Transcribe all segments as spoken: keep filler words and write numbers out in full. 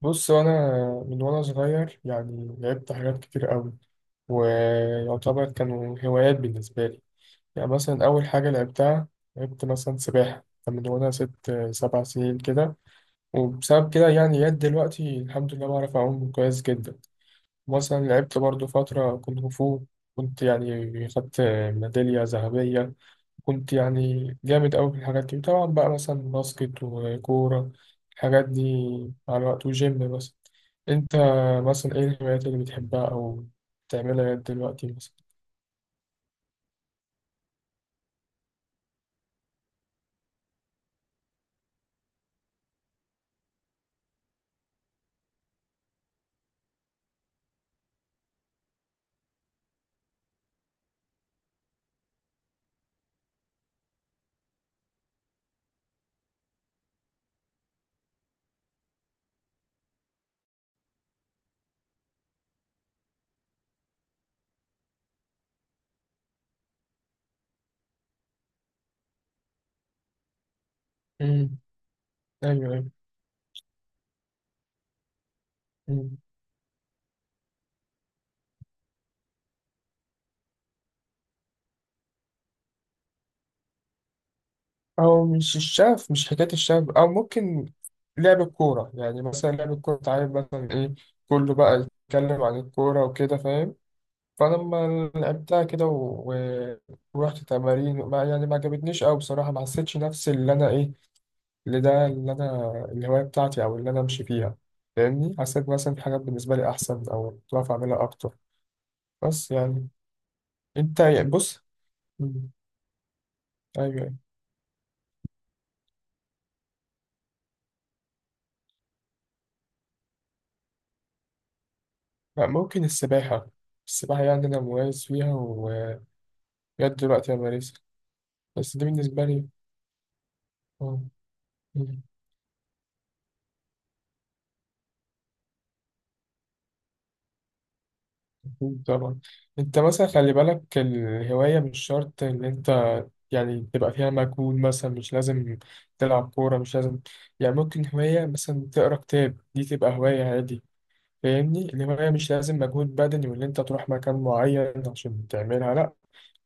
بص انا من وانا صغير يعني لعبت حاجات كتير قوي، ويعتبر كانوا هوايات بالنسبه لي. يعني مثلا اول حاجه لعبتها، لعبت مثلا سباحه، كان من وانا ست سبع سنين كده. وبسبب كده يعني لغايه دلوقتي الحمد لله بعرف اعوم كويس جدا. مثلا لعبت برضو فتره كونغ فو، كنت يعني خدت ميداليه ذهبيه، كنت يعني جامد أوي في الحاجات دي. وطبعا بقى مثلا باسكت وكورة الحاجات دي مع الوقت، وجيم مثلا. أنت مثلا إيه الهوايات اللي بتحبها أو بتعملها لغاية دلوقتي مثلا؟ أمم، أيوه أيوه. أمم. أو مش الشغف، مش حكاية الشغف، أو ممكن لعب الكورة. يعني مثلا لعب الكورة أنت عارف مثلا إيه، كله بقى يتكلم عن الكورة وكده فاهم. فأنا لما لعبتها كده و... و- ورحت تمارين ما يعني ما عجبتنيش أوي بصراحة، ما حسيتش نفسي اللي أنا إيه اللي ده، اللي انا الهوايه بتاعتي او اللي انا امشي فيها. فاهمني؟ حسيت مثلا في حاجات بالنسبه لي احسن او كنت بعرف اعملها اكتر. بس يعني انت يعني بص. مم. ايوه، أيوة. لا، ممكن السباحه. السباحه يعني انا مميز فيها ولغايه دلوقتي انا بمارسها. بس دي بالنسبه لي. آه. مم. طبعا. انت مثلا خلي بالك الهوايه مش شرط ان انت يعني تبقى فيها مجهود، مثلا مش لازم تلعب كوره، مش لازم. يعني ممكن هوايه مثلا تقرا كتاب، دي تبقى هوايه عادي. فاهمني؟ الهواية مش لازم مجهود بدني واللي انت تروح مكان معين عشان تعملها، لا،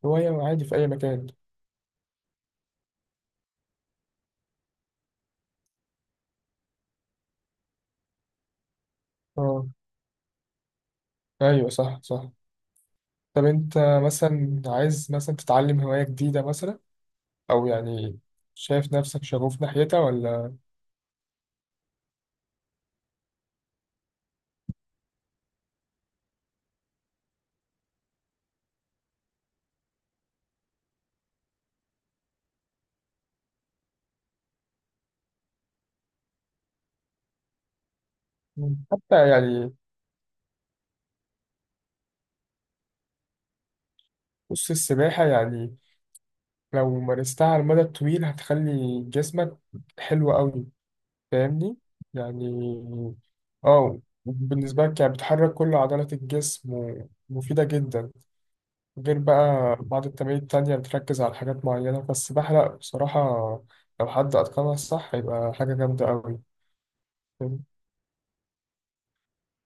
هواية عادي في أي مكان. اه. أيوة صح صح. طب أنت مثلا عايز مثلا تتعلم هواية جديدة مثلا، أو يعني شايف نفسك شغوف ناحيتها ولا؟ مم. حتى يعني، بص السباحة يعني لو مارستها على المدى الطويل هتخلي جسمك حلو أوي، فاهمني؟ يعني اه. بالنسبة لك يعني بتحرك كل عضلات الجسم ومفيدة جدا، غير بقى بعض التمارين التانية بتركز على حاجات معينة بس، بحرق بصراحة. لو حد أتقنها صح هيبقى حاجة جامدة أوي.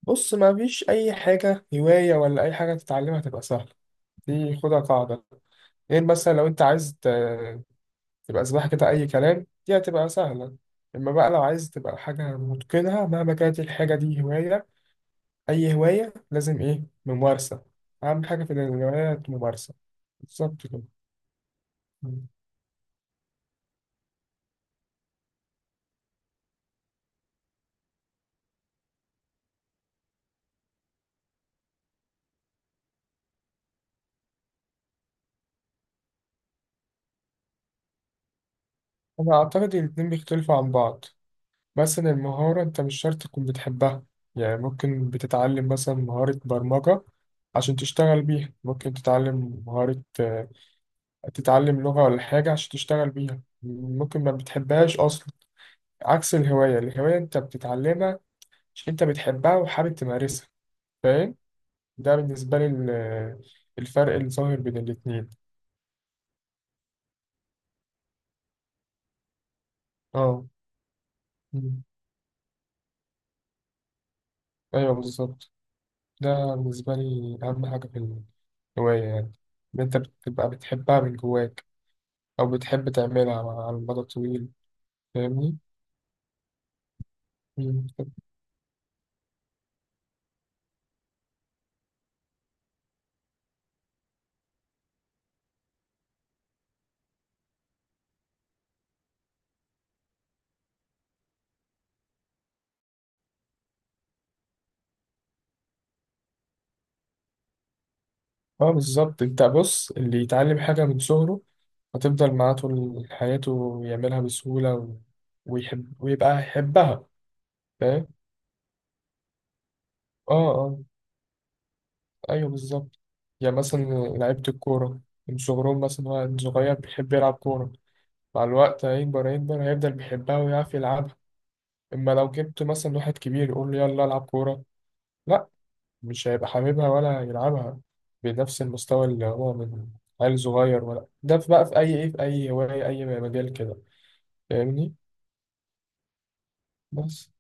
بص، ما فيش أي حاجة هواية ولا أي حاجة تتعلمها تبقى سهلة، دي خدها قاعدة. غير مثلا لو أنت عايز ت- تبقى سباحة كده أي كلام، دي هتبقى سهلة. إما بقى لو عايز تبقى حاجة متقنها مهما كانت الحاجة دي هواية، أي هواية لازم إيه؟ ممارسة. أهم حاجة في الهوايات ممارسة. بالظبط كده. أنا أعتقد إن الاتنين بيختلفوا عن بعض. مثلا المهارة أنت مش شرط تكون بتحبها، يعني ممكن بتتعلم مثلا مهارة برمجة عشان تشتغل بيها. ممكن تتعلم مهارة، آه، تتعلم لغة ولا حاجة عشان تشتغل بيها، ممكن ما بتحبهاش أصلا. عكس الهواية، الهواية أنت بتتعلمها عشان أنت بتحبها وحابب تمارسها، فاهم؟ ده بالنسبة لي ال- آه، الفرق الظاهر بين الاتنين. اه. مم. أيوه بالظبط. ده بالنسبة لي أهم حاجة في هواية، يعني إن أنت بتبقى بتحبها من جواك أو بتحب تعملها على المدى الطويل. فاهمني؟ مم. اه بالظبط. أنت بص، اللي يتعلم حاجة من صغره هتفضل معاه طول حياته ويعملها بسهولة و... ويحب ويبقى يحبها. فاهم؟ اه اه. أيوه بالظبط. يعني مثلا لعيبة الكورة من صغرهم، مثلا هو من صغير بيحب يلعب كورة، مع الوقت هيكبر هيكبر، هيفضل بيحبها ويعرف يلعبها. اما لو جبت مثلا واحد كبير يقول له يلا العب كوره، لا، مش هيبقى حاببها ولا يلعبها بنفس المستوى اللي هو من عيل صغير. ولا ده في بقى في أي إيه، في أي هواية أي مجال كده، فاهمني؟ بس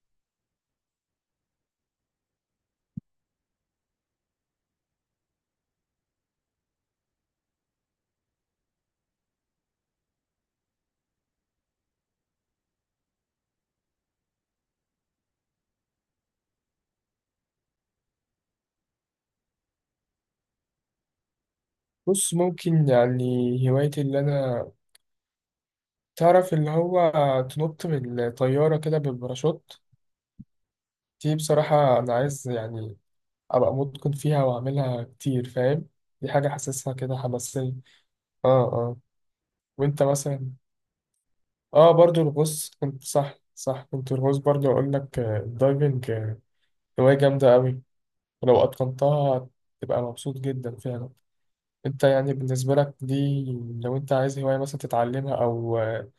بص، ممكن يعني هوايتي اللي أنا تعرف اللي هو تنط من الطيارة كده بالباراشوت، دي بصراحة أنا عايز يعني أبقى متقن فيها وأعملها كتير، فاهم؟ دي حاجة حاسسها كده حماسية. اه اه. وأنت مثلا؟ اه برضو الغوص كنت، صح صح، كنت الغوص برضو أقول لك، آه، الدايفنج، آه، هواية جامدة أوي. ولو أتقنتها تبقى مبسوط جدا فعلا. أنت يعني بالنسبة لك دي، لو أنت عايز هواية مثلا تتعلمها، أو آه،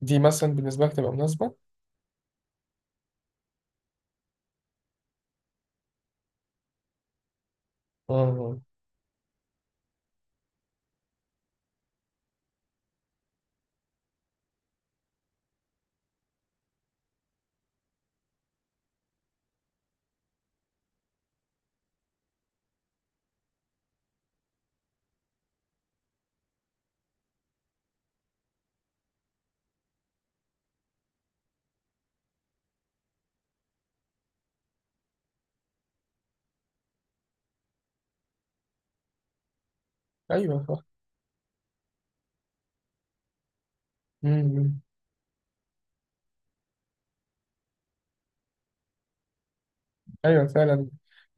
دي مثلا بالنسبة لك تبقى مناسبة؟ آه. أيوه صح. مم. أيوه فعلا.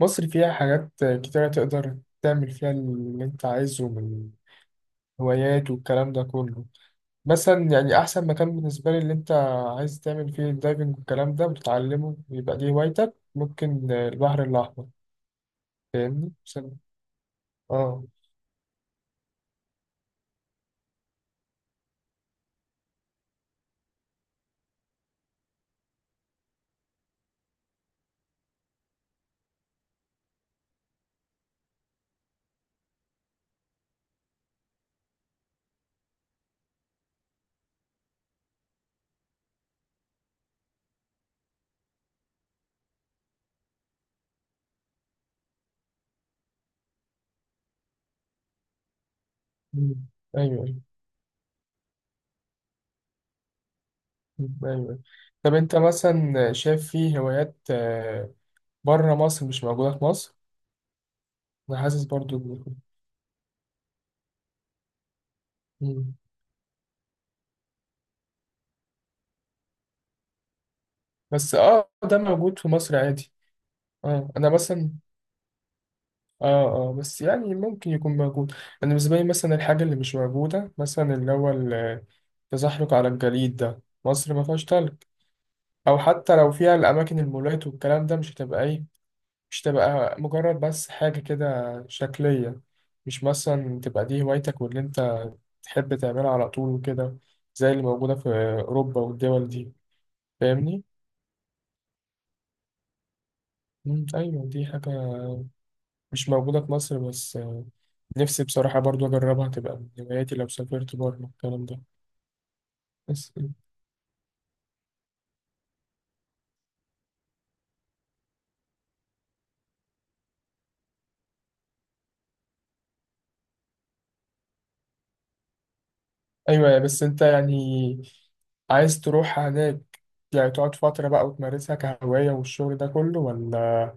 مصر فيها حاجات كتيرة تقدر تعمل فيها اللي أنت عايزه من هوايات والكلام ده كله. مثلا يعني أحسن مكان بالنسبة لي اللي أنت عايز تعمل فيه الدايفنج والكلام ده وتتعلمه، يبقى دي هوايتك، ممكن آه، البحر الأحمر. فاهمني؟ مثلا. آه. مم. ايوه ايوه. مم. ايوه. طب انت مثلا شايف في هوايات آه، بره مصر مش موجوده في مصر؟ انا حاسس برضو ب- مم. بس اه ده موجود في مصر عادي. اه انا مثلا. اه. اه بس يعني ممكن يكون موجود. انا بالنسبه لي مثلا الحاجه اللي مش موجوده، مثلا اللي هو ال- التزحلق على الجليد، ده مصر ما فيهاش تلج. او حتى لو فيها الاماكن، المولات والكلام ده، مش هتبقى ايه، مش تبقى مجرد بس حاجة كده شكلية، مش مثلا تبقى دي هوايتك واللي انت تحب تعملها على طول وكده زي اللي موجودة في أوروبا والدول دي. فاهمني؟ مم، أيوة دي حاجة مش موجودة في مصر. بس آه، نفسي بصراحة برضو أجربها، تبقى من هواياتي لو سافرت بره الكلام ده. بس أيوة. بس أنت يعني عايز تروح هناك يعني تقعد فترة بقى وتمارسها كهواية والشغل ده كله ولا؟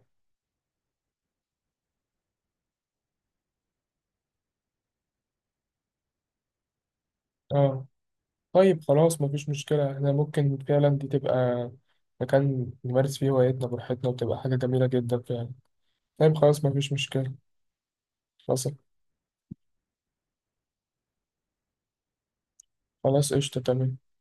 آه. طيب خلاص مفيش مشكلة، احنا ممكن فعلا دي تبقى مكان نمارس فيه هوايتنا براحتنا وتبقى حاجة جميلة جدا فعلا. طيب خلاص مفيش مشكلة. خلاص خلاص قشطة تمام.